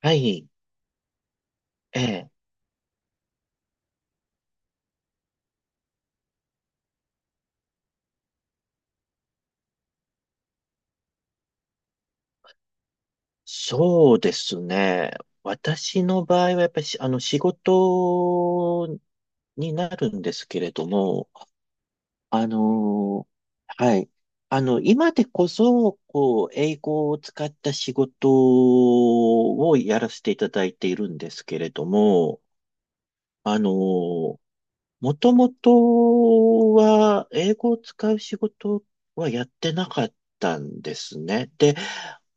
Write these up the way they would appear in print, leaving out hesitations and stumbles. はい、ええ、そうですね。私の場合はやっぱりあの仕事になるんですけれども、あの、はい、今でこそ、こう、英語を使った仕事をやらせていただいているんですけれども、あの、もともとは、英語を使う仕事はやってなかったんですね。で、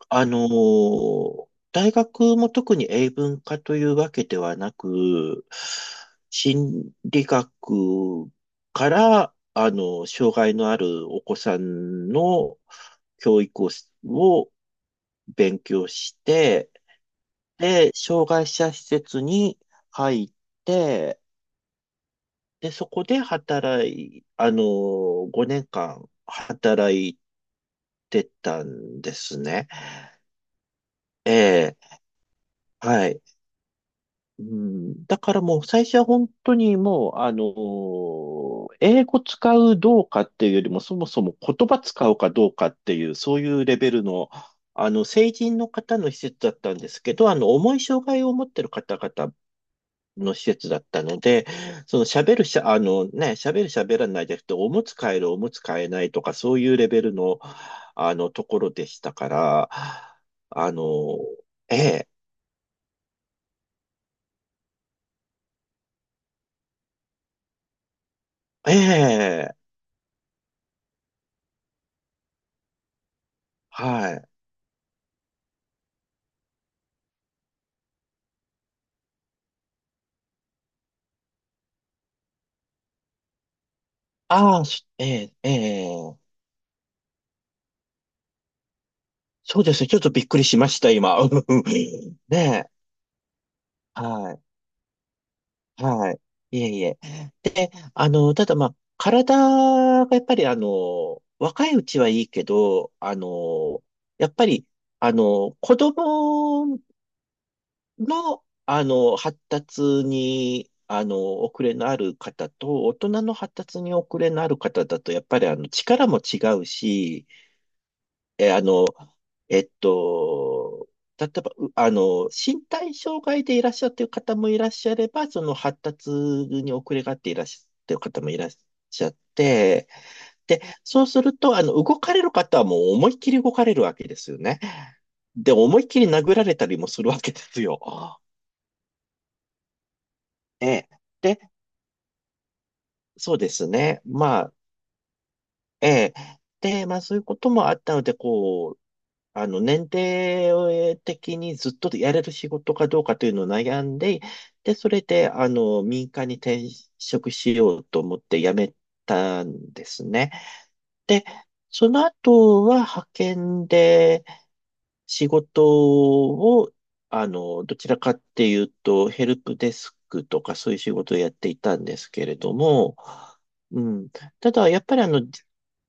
大学も特に英文科というわけではなく、心理学から、あの、障害のあるお子さんの教育をを勉強して、で、障害者施設に入って、で、そこで働い、あの、5年間働いてたんですね。ええ、はい。うん、だからもう最初は本当にもう、あの、英語使うどうかっていうよりも、そもそも言葉使うかどうかっていう、そういうレベルの、あの、成人の方の施設だったんですけど、あの、重い障害を持ってる方々の施設だったので、その喋るしゃ、あのね、喋る喋らないじゃなくて、おむつ替える、おむつ替えないとか、そういうレベルの、あの、ところでしたから、あの、ええ、ええ、はい。ああ、しええ、ええ、そうですね。ちょっとびっくりしました、今。ねえ、はい。はい。いえいえ。で、あの、ただまあ、体がやっぱりあの、若いうちはいいけど、あの、やっぱり、あの、子供の、あの、発達に、あの、遅れのある方と、大人の発達に遅れのある方だと、やっぱりあの、力も違うし、え、あの、えっと、例えば、あの、身体障害でいらっしゃってる方もいらっしゃれば、その発達に遅れがあっていらっしゃってる方もいらっしゃって、で、そうすると、あの、動かれる方はもう思いっきり動かれるわけですよね。で、思いっきり殴られたりもするわけですよ。ええ。で、そうですね。まあ、ええ。で、まあそういうこともあったので、こう、あの、年齢的にずっとやれる仕事かどうかというのを悩んで、で、それで、あの、民間に転職しようと思って辞めたんですね。で、その後は派遣で、仕事を、あの、どちらかっていうと、ヘルプデスクとかそういう仕事をやっていたんですけれども、うん。ただ、やっぱりあの、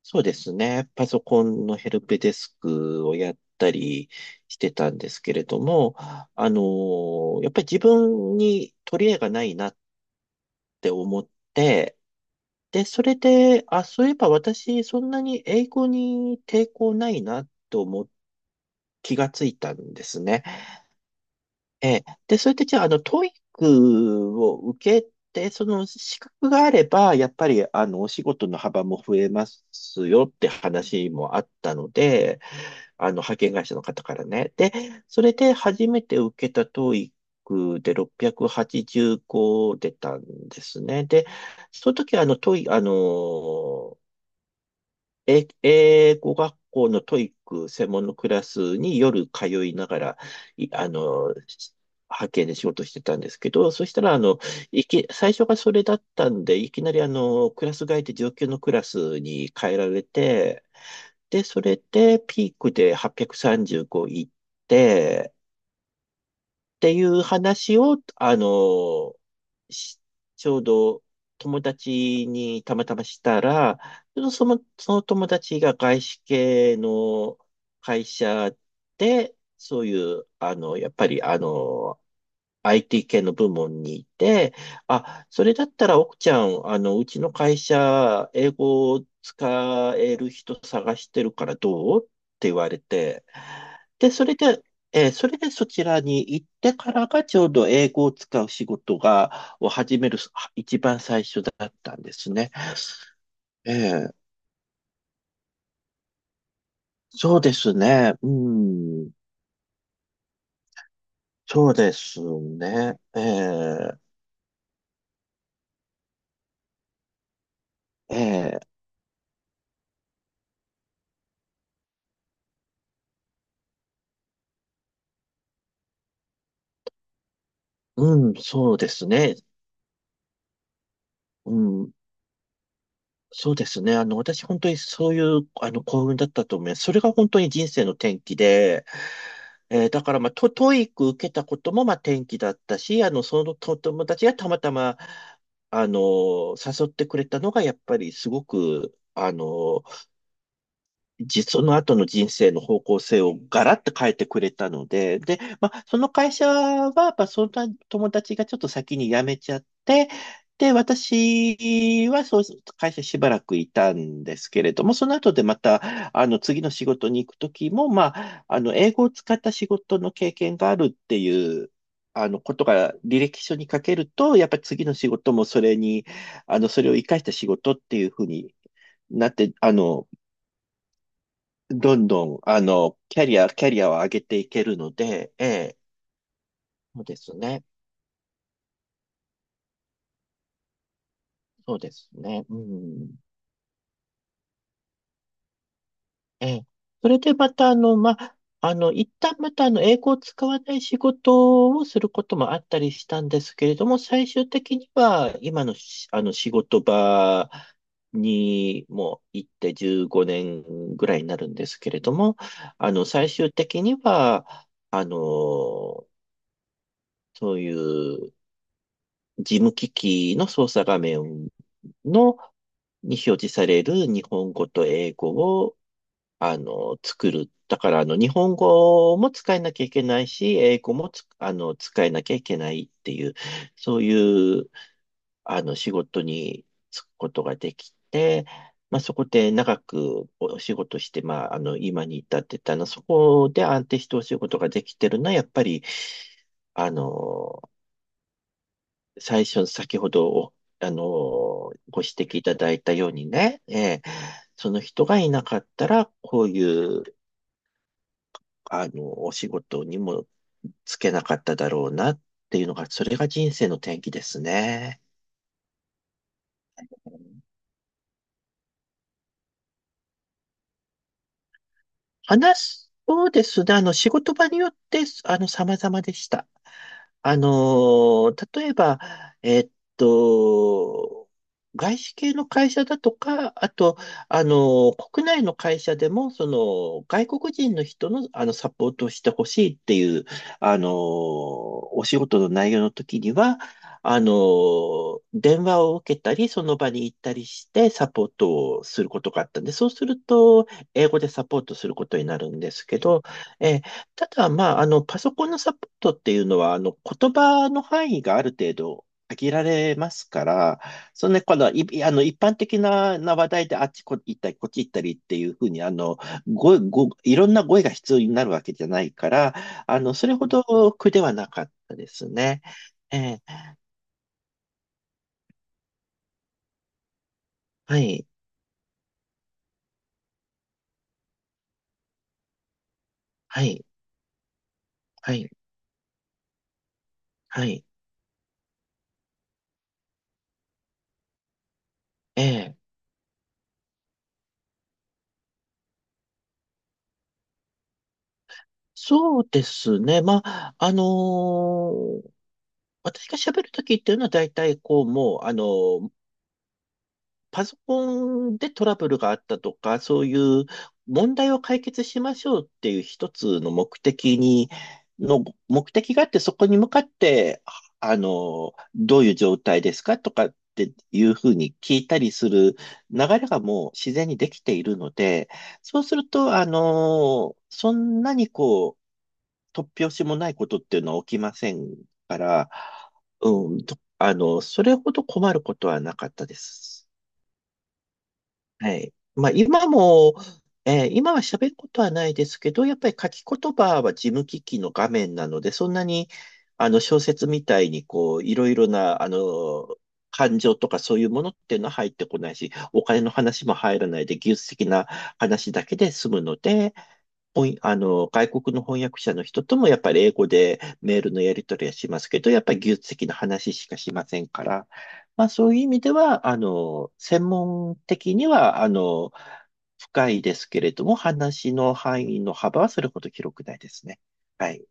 そうですね。パソコンのヘルプデスクをやったりしてたんですけれども、あの、やっぱり自分に取り柄がないなって思って、で、それで、あ、そういえば私、そんなに英語に抵抗ないなと思って気がついたんですね。ええ。で、それでじゃあ、あの、トイックを受けて、その資格があれば、やっぱり、あの、お仕事の幅も増えますよって話もあったので、あの、派遣会社の方からね。で、それで初めて受けたトイックで685出たんですね。で、その時、あの、トイ、あの、え、英語学校のトイック専門のクラスに夜通いながら、いあの、し派遣で仕事してたんですけど、そしたら、あの、最初がそれだったんで、いきなりあの、クラス替えて上級のクラスに変えられて、で、それでピークで835行って、っていう話を、しちょうど友達にたまたましたら、その、その友達が外資系の会社で、そういう、あの、やっぱり、あの、IT 系の部門にいて、あ、それだったら奥ちゃん、あの、うちの会社、英語を使える人探してるからどうって言われて、で、それで、それでそちらに行ってからがちょうど英語を使う仕事が、を始めるは一番最初だったんですね。ええ、そうですね。うん、そうですね。ええ、ええ、うん、そうですね。うんそうですね。あの、私本当にそういう、あの、幸運だったと思います。それが本当に人生の転機で、だからまあ、トイック受けたこともまあ転機だったし、あの、その友達がたまたま、あの、誘ってくれたのが、やっぱりすごく、あの、その後の人生の方向性をガラッと変えてくれたので、で、まあ、その会社は、やっぱそんな友達がちょっと先に辞めちゃって、で、私はそう、会社しばらくいたんですけれども、その後でまた、あの、次の仕事に行くときも、まあ、あの、英語を使った仕事の経験があるっていう、あの、ことが履歴書に書けると、やっぱり次の仕事もそれに、あの、それを活かした仕事っていうふうになって、あの、どんどん、あの、キャリアを上げていけるので、ええ、そうですね。そうですね。うん。ええ。それでまた、あの、ま、あの、一旦また、あの、英語を使わない仕事をすることもあったりしたんですけれども、最終的には、今のし、あの、仕事場にも行って15年ぐらいになるんですけれども、あの、最終的には、あの、そういう事務機器の操作画面の、に表示される日本語と英語を、あの、作る。だから、あの、日本語も使えなきゃいけないし、英語もつ、あの、使えなきゃいけないっていう、そういう、あの、仕事に就くことができて、まあ、そこで長くお仕事して、まあ、あの、今に至ってたの、そこで安定してお仕事ができてるのは、やっぱり、あの、最初、先ほどお、あのー、ご指摘いただいたようにね、その人がいなかったら、こういう、あの、お仕事にもつけなかっただろうなっていうのが、それが人生の転機ですね。話す、そうですね。あの、仕事場によって、あの、様々でした。あの例えば、えっと、外資系の会社だとか、あと、あのー、国内の会社でも、その、外国人の人の、あの、サポートをしてほしいっていう、あのー、お仕事の内容の時には、あのー、電話を受けたり、その場に行ったりして、サポートをすることがあったんで、そうすると、英語でサポートすることになるんですけど、えーただ、まあ、あの、パソコンのサポートっていうのは、あの、言葉の範囲がある程度限られますから、そのね、この、い、あの、一般的な話題であっちこ行ったり、こっち行ったりっていうふうに、あの、語彙、語彙、いろんな語彙が必要になるわけじゃないから、あの、それほど苦ではなかったですね。えーはい、はい、はい、はい。ええそうですね。まあ、あのー私が喋るときっていうのは大体こうもう、あの、パソコンでトラブルがあったとか、そういう問題を解決しましょうっていう一つの目的があって、そこに向かって、あの、どういう状態ですかとかっていうふうに聞いたりする流れがもう自然にできているので、そうすると、あの、そんなにこう、突拍子もないことっていうのは起きませんから、うん、とあの、それほど困ることはなかったです。はい。まあ、今も、今は喋ることはないですけど、やっぱり書き言葉は事務機器の画面なので、そんなに、あの、小説みたいに、こう、いろいろな、あの、感情とかそういうものっていうのは入ってこないし、お金の話も入らないで、技術的な話だけで済むので、ほんあの、外国の翻訳者の人ともやっぱり英語でメールのやり取りはしますけど、やっぱり技術的な話しかしませんから、まあ、そういう意味では、あの、専門的には、あの、深いですけれども、話の範囲の幅はそれほど広くないですね。はい。